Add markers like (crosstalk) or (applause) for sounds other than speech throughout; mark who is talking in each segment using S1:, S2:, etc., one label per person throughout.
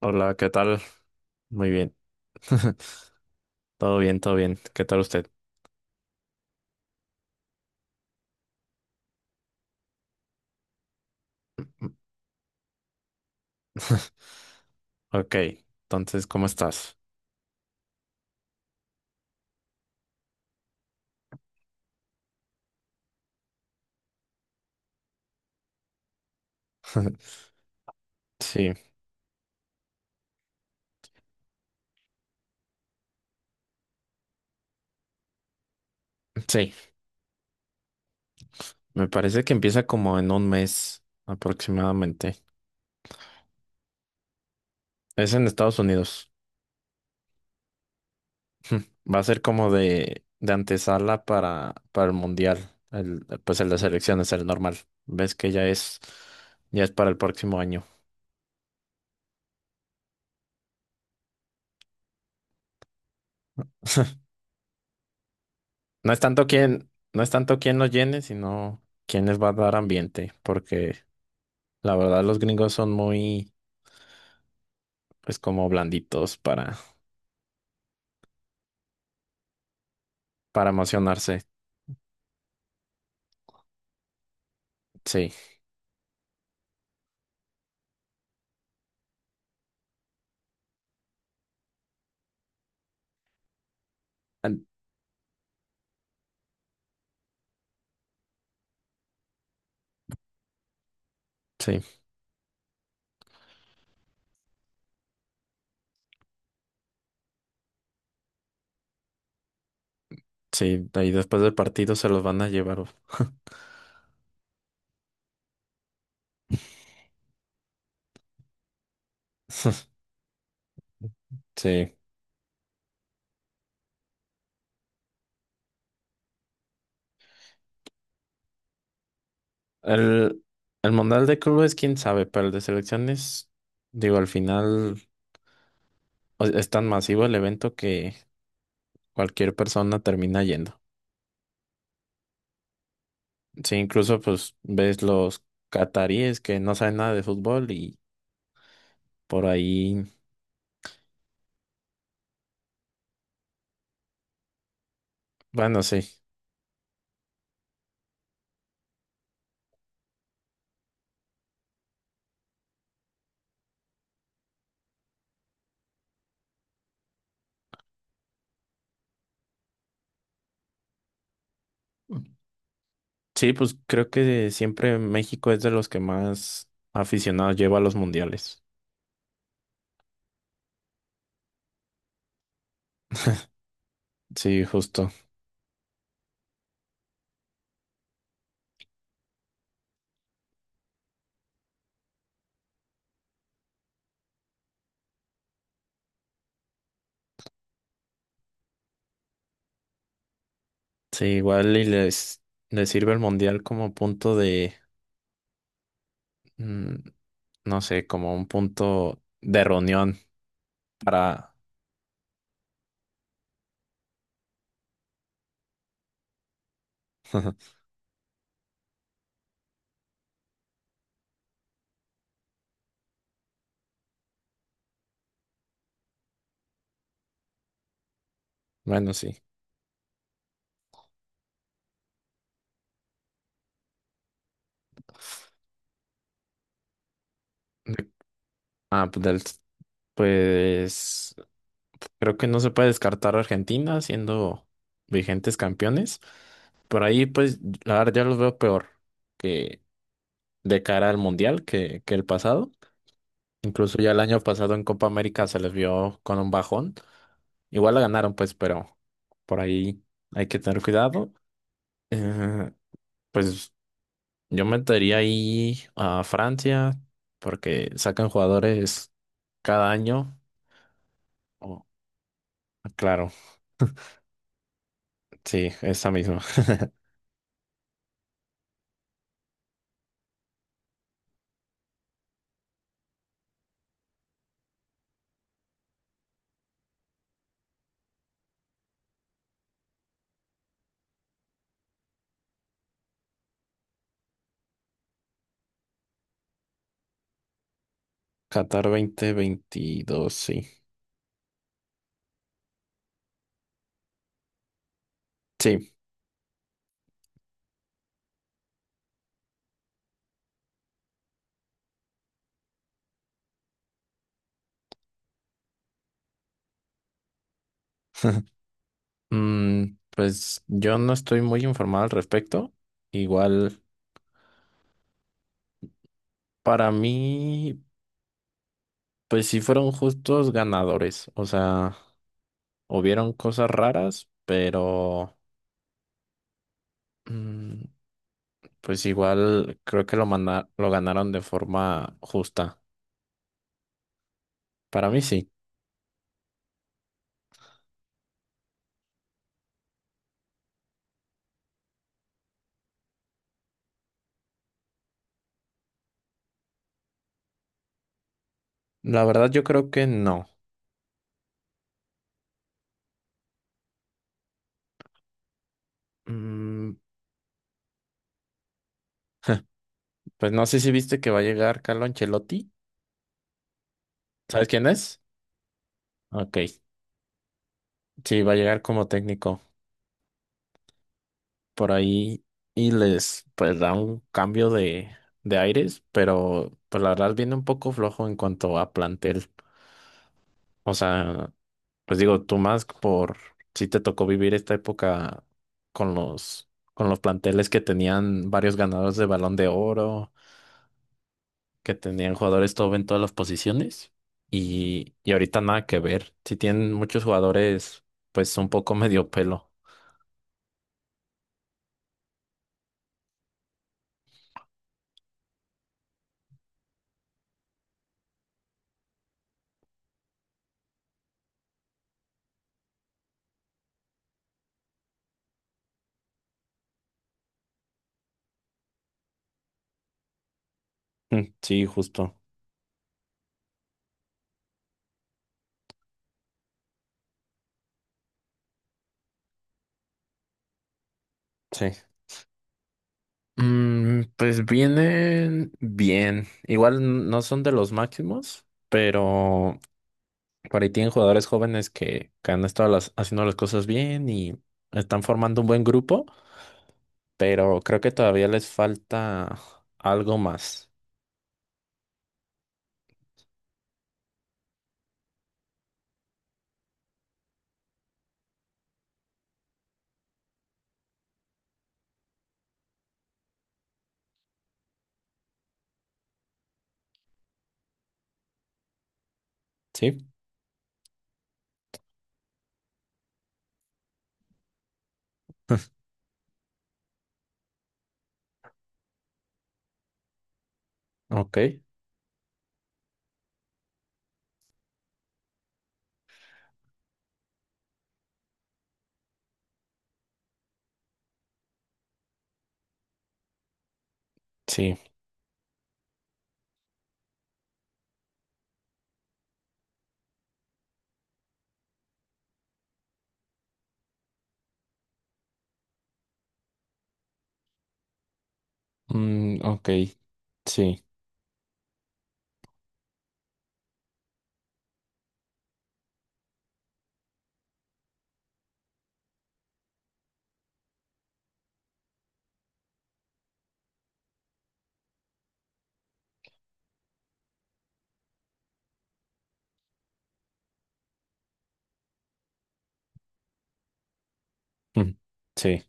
S1: Hola, ¿qué tal? Muy bien. (laughs) Todo bien, todo bien. ¿Qué tal usted? (laughs) Ok, entonces, ¿cómo estás? (laughs) Sí, sí. Me parece que empieza como en un mes aproximadamente. Es en Estados Unidos. (laughs) Va a ser como de antesala para el mundial. El, pues el de selecciones, el normal. Ves que ya es para el próximo año. No es tanto quién, no es tanto quién los llene, sino quién les va a dar ambiente, porque la verdad los gringos son muy pues como blanditos para emocionarse. Sí, An- sí, sí. Y después del partido se los van a llevar. Uf. (laughs) Sí. El, el Mundial de Clubes, quién sabe, pero el de selecciones, digo, al final es tan masivo el evento que cualquier persona termina yendo. Sí, incluso pues ves los cataríes que no saben nada de fútbol y por ahí, bueno, sí. Sí, pues creo que siempre México es de los que más aficionados lleva a los mundiales. Sí, justo. Sí, igual y les sirve el mundial como punto de, mm, no sé, como un punto de reunión para, (laughs) bueno, sí. De- Ah, pues, pues creo que no se puede descartar a Argentina siendo vigentes campeones. Por ahí, pues, la verdad, ya los veo peor que de cara al mundial que el pasado. Incluso ya el año pasado en Copa América se les vio con un bajón. Igual la ganaron, pues, pero por ahí hay que tener cuidado. Eh, pues yo metería ahí a Francia porque sacan jugadores cada año. Oh, claro, sí, esa misma. (laughs) Qatar 2022, sí. Sí. (laughs) Pues yo no estoy muy informado al respecto. Igual para mí. Pues sí fueron justos ganadores, o sea, hubieron cosas raras, pero mm, pues igual creo que lo ganaron de forma justa. Para mí sí. La verdad yo creo que no. Mm, pues no sé si viste que va a llegar Carlo Ancelotti. ¿Sabes quién es? Ok. Sí, va a llegar como técnico por ahí y les pues da un cambio de aires, pero pues la verdad viene un poco flojo en cuanto a plantel. O sea, pues digo, tú más por si te tocó vivir esta época con los planteles que tenían varios ganadores de Balón de Oro, que tenían jugadores top en todas las posiciones y, ahorita nada que ver. Si tienen muchos jugadores, pues un poco medio pelo. Sí, justo. Sí. Pues vienen bien. Igual no son de los máximos, pero por ahí tienen jugadores jóvenes que han estado haciendo las cosas bien y están formando un buen grupo, pero creo que todavía les falta algo más. ¿Sí? Ok. Sí. Ok. Sí. Mm, sí,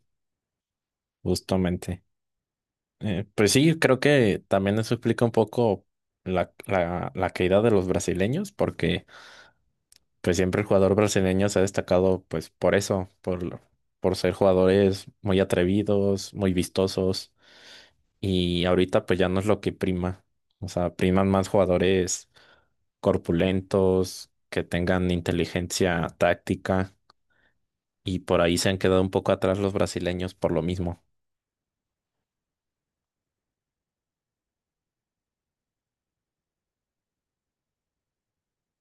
S1: justamente. Pues sí, creo que también eso explica un poco la caída de los brasileños, porque pues siempre el jugador brasileño se ha destacado pues por eso, por ser jugadores muy atrevidos, muy vistosos. Y ahorita pues ya no es lo que prima. O sea, priman más jugadores corpulentos, que tengan inteligencia táctica y por ahí se han quedado un poco atrás los brasileños por lo mismo.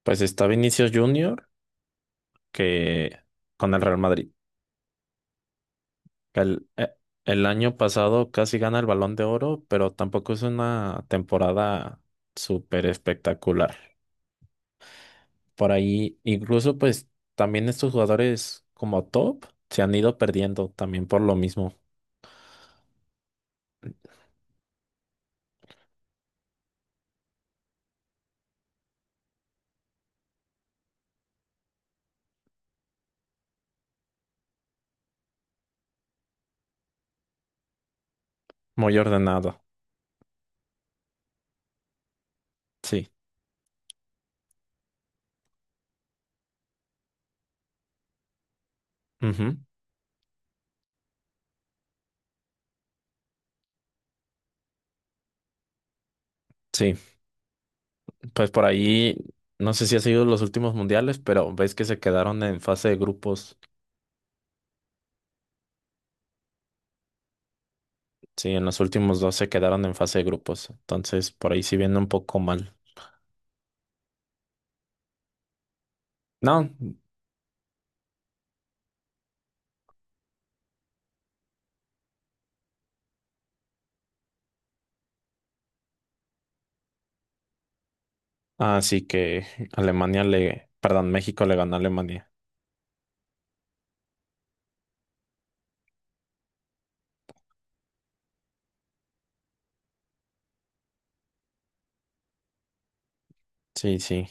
S1: Pues está Vinicius Junior que con el Real Madrid. El, eh, el año pasado casi gana el Balón de Oro, pero tampoco es una temporada súper espectacular. Por ahí, incluso pues también estos jugadores como top se han ido perdiendo también por lo mismo, muy ordenado, sí, ujú. Sí, pues por ahí, no sé si ha sido los últimos mundiales, pero ves que se quedaron en fase de grupos, sí, en los últimos dos se quedaron en fase de grupos, entonces por ahí sí viene un poco mal. No, así que Alemania le, perdón, México le ganó a Alemania. Sí, sí.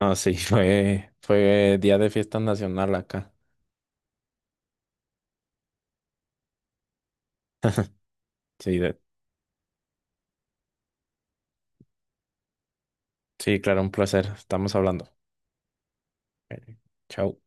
S1: No, sí, (laughs) fue, fue día de fiesta nacional acá. Sí, de- Sí, claro, un placer. Estamos hablando. Eh, Chao.